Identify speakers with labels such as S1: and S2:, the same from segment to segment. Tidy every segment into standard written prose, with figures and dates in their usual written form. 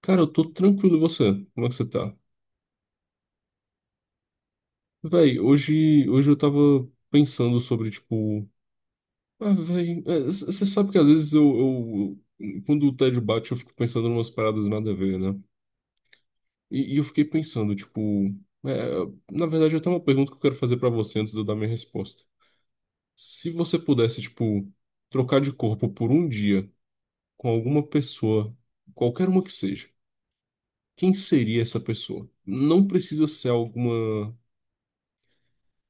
S1: Cara, eu tô tranquilo, e você? Como é que você tá? Véi, hoje eu tava pensando sobre, tipo. Ah, véi, você sabe que às vezes quando o tédio bate, eu fico pensando em umas paradas nada a ver, né? E eu fiquei pensando, tipo. é, na verdade, eu tenho uma pergunta que eu quero fazer pra você antes de eu dar minha resposta. Se você pudesse, tipo, trocar de corpo por um dia com alguma pessoa, qualquer uma que seja, quem seria essa pessoa? Não precisa ser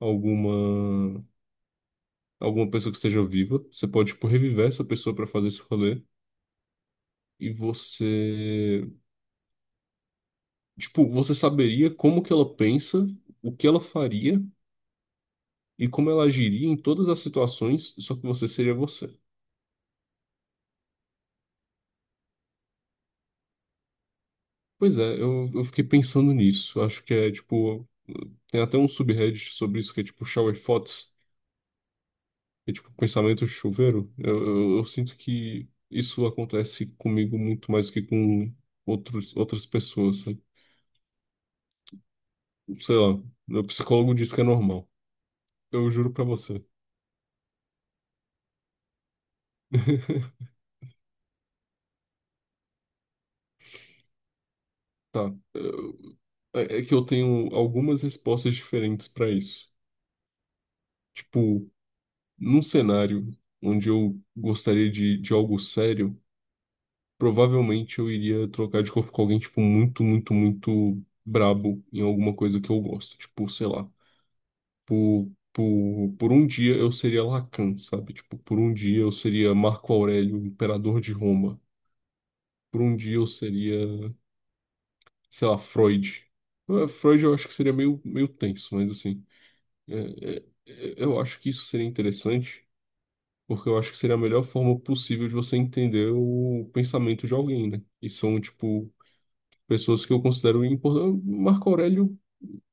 S1: Alguma. alguma pessoa que esteja viva. Você pode, tipo, reviver essa pessoa pra fazer esse rolê. E você, tipo, você saberia como que ela pensa, o que ela faria e como ela agiria em todas as situações, só que você seria você. Pois é, eu fiquei pensando nisso. Acho que é, tipo, tem até um subreddit sobre isso que é, tipo, shower thoughts, que é, tipo, pensamento chuveiro. Eu sinto que isso acontece comigo muito mais que com outras pessoas, sabe? Sei lá, meu psicólogo diz que é normal. Eu juro pra você. Tá. É que eu tenho algumas respostas diferentes pra isso. Tipo, num cenário onde eu gostaria de algo sério, provavelmente eu iria trocar de corpo com alguém, tipo, muito, muito, muito brabo em alguma coisa que eu gosto. Tipo, sei lá. Por um dia eu seria Lacan, sabe? Tipo, por um dia eu seria Marco Aurélio, imperador de Roma. Por um dia eu seria. Sei lá, Freud. Freud eu acho que seria meio, meio tenso, mas assim, eu acho que isso seria interessante, porque eu acho que seria a melhor forma possível de você entender o pensamento de alguém, né? E são, tipo, pessoas que eu considero importantes. Marco Aurélio,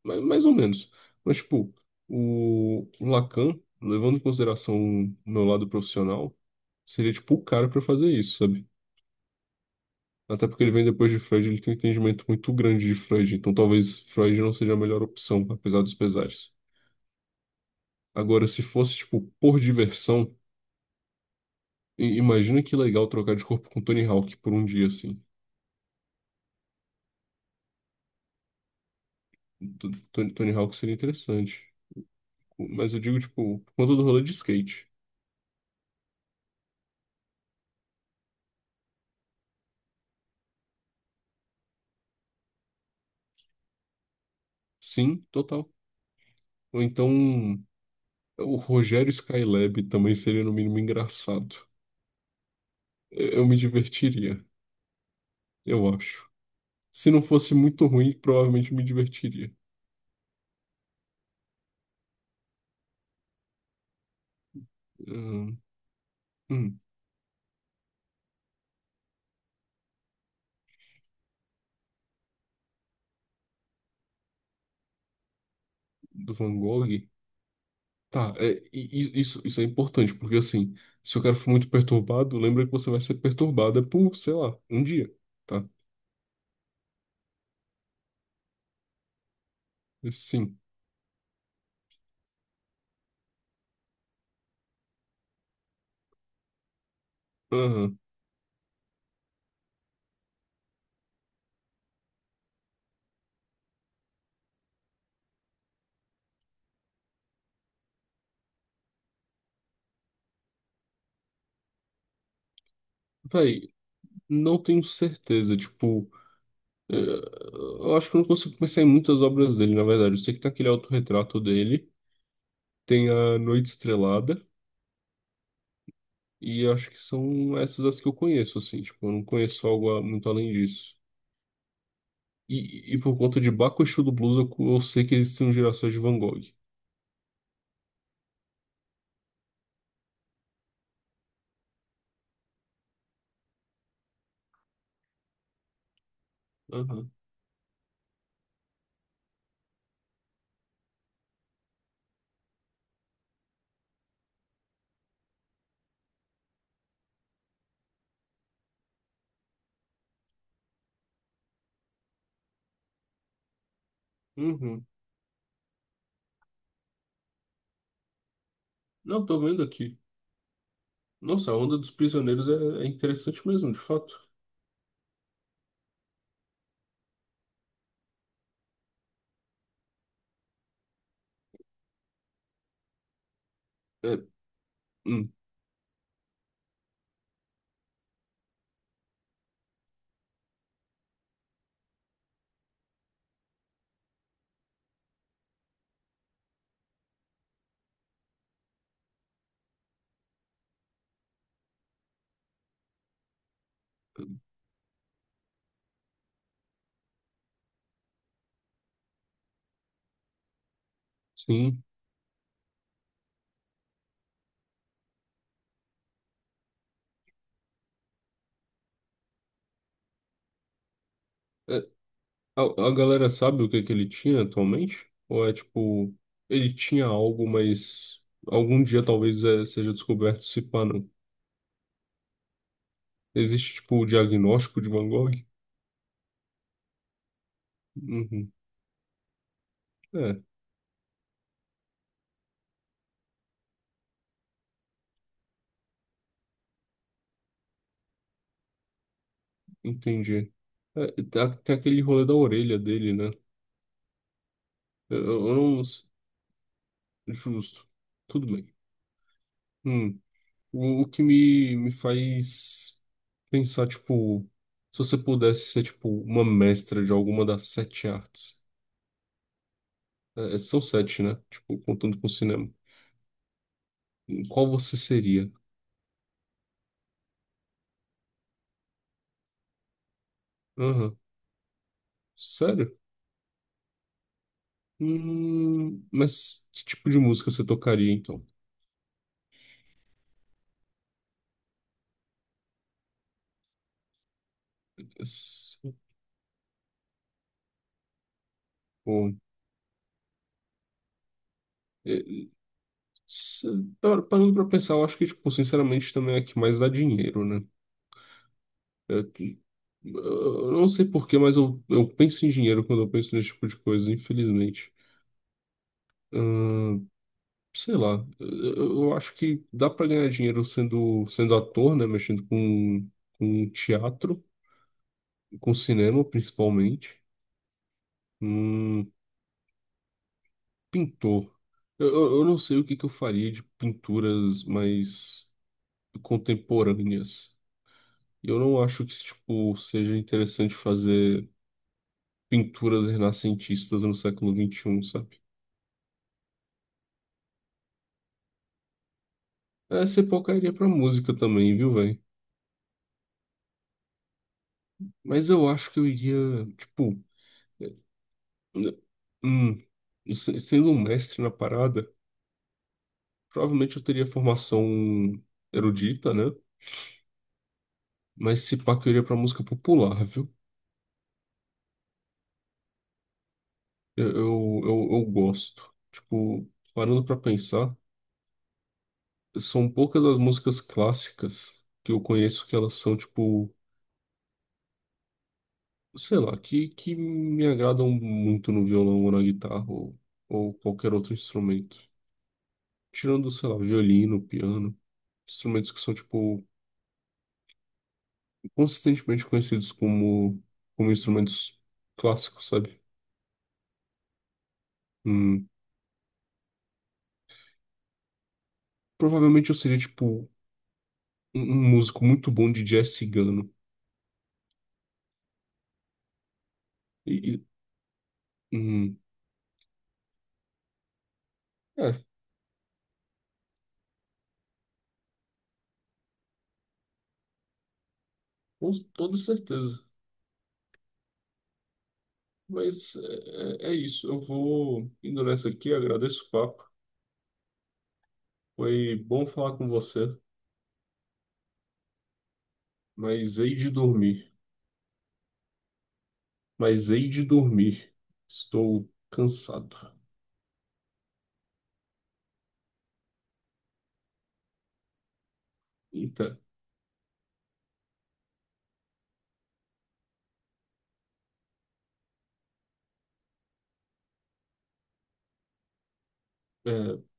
S1: mais ou menos. Mas, tipo, o Lacan, levando em consideração o meu lado profissional, seria, tipo, o cara para fazer isso, sabe? Até porque ele vem depois de Freud, ele tem um entendimento muito grande de Freud, então talvez Freud não seja a melhor opção, apesar dos pesares. Agora, se fosse, tipo, por diversão, imagina que legal trocar de corpo com Tony Hawk por um dia, assim. Tony Hawk seria interessante. Mas eu digo, tipo, por conta do rolê de skate. Sim, total. Ou então, o Rogério Skylab também seria, no mínimo, engraçado. Eu me divertiria, eu acho. Se não fosse muito ruim, provavelmente me divertiria. Hum. Hum. Do Van Gogh. Tá, é, isso é importante, porque assim, se o cara for muito perturbado, lembra que você vai ser perturbada por, sei lá, um dia, tá? Sim. Aham. Véi, não tenho certeza, tipo, eu acho que eu não consigo pensar em muitas obras dele, na verdade. Eu sei que tem aquele autorretrato dele, tem a Noite Estrelada, e acho que são essas as que eu conheço, assim, tipo, eu não conheço algo muito além disso. E por conta de Baco Exu do Blues, eu sei que existem gerações de Van Gogh. Uhum. Não, tô vendo aqui. Nossa, a onda dos prisioneiros é interessante mesmo, de fato. É, hum, sim. É, a, a galera sabe o que que ele tinha atualmente? Ou é tipo, ele tinha algo, mas algum dia talvez seja descoberto se pá, não. Existe tipo o diagnóstico de Van Gogh? Uhum. É, entendi. É, tem aquele rolê da orelha dele, né? É, eu não. Justo. Tudo bem. Hum. O que me faz. Pensar, tipo, se você pudesse ser, tipo, uma mestra de alguma das sete artes. É, são sete, né? Tipo, contando com o cinema. Qual você seria? Aham. Sério? Mas que tipo de música você tocaria, então? Esse- Pô, é, se- parando pra pensar, eu acho que, tipo, sinceramente, também é a que mais dá dinheiro, né? É que- eu não sei porquê, mas eu penso em dinheiro quando eu penso nesse tipo de coisa, infelizmente. Sei lá, eu acho que dá pra ganhar dinheiro sendo ator, né? Mexendo com teatro, com cinema principalmente. Hum, pintor. Eu não sei o que que eu faria de pinturas mais contemporâneas. Eu não acho que, tipo, seja interessante fazer pinturas renascentistas no século 21, sabe? Essa pouca iria pra música também, viu, velho? Mas eu acho que eu iria, tipo. Né? Hum, sendo um mestre na parada, provavelmente eu teria formação erudita, né? Mas se pá, que eu iria pra música popular, viu? Eu gosto. Tipo, parando pra pensar, são poucas as músicas clássicas que eu conheço que elas são, tipo, sei lá, que me agradam muito no violão ou na guitarra ou qualquer outro instrumento. Tirando, sei lá, violino, piano, instrumentos que são, tipo. Consistentemente conhecidos como, como instrumentos clássicos, sabe? Hum, provavelmente eu seria, tipo, um músico muito bom de jazz cigano. E, e- hum, é, com toda certeza. Mas é isso. Eu vou indo nessa aqui, agradeço o papo. Foi bom falar com você, mas hei de dormir. Mas hei de dormir. Estou cansado. Eita. É,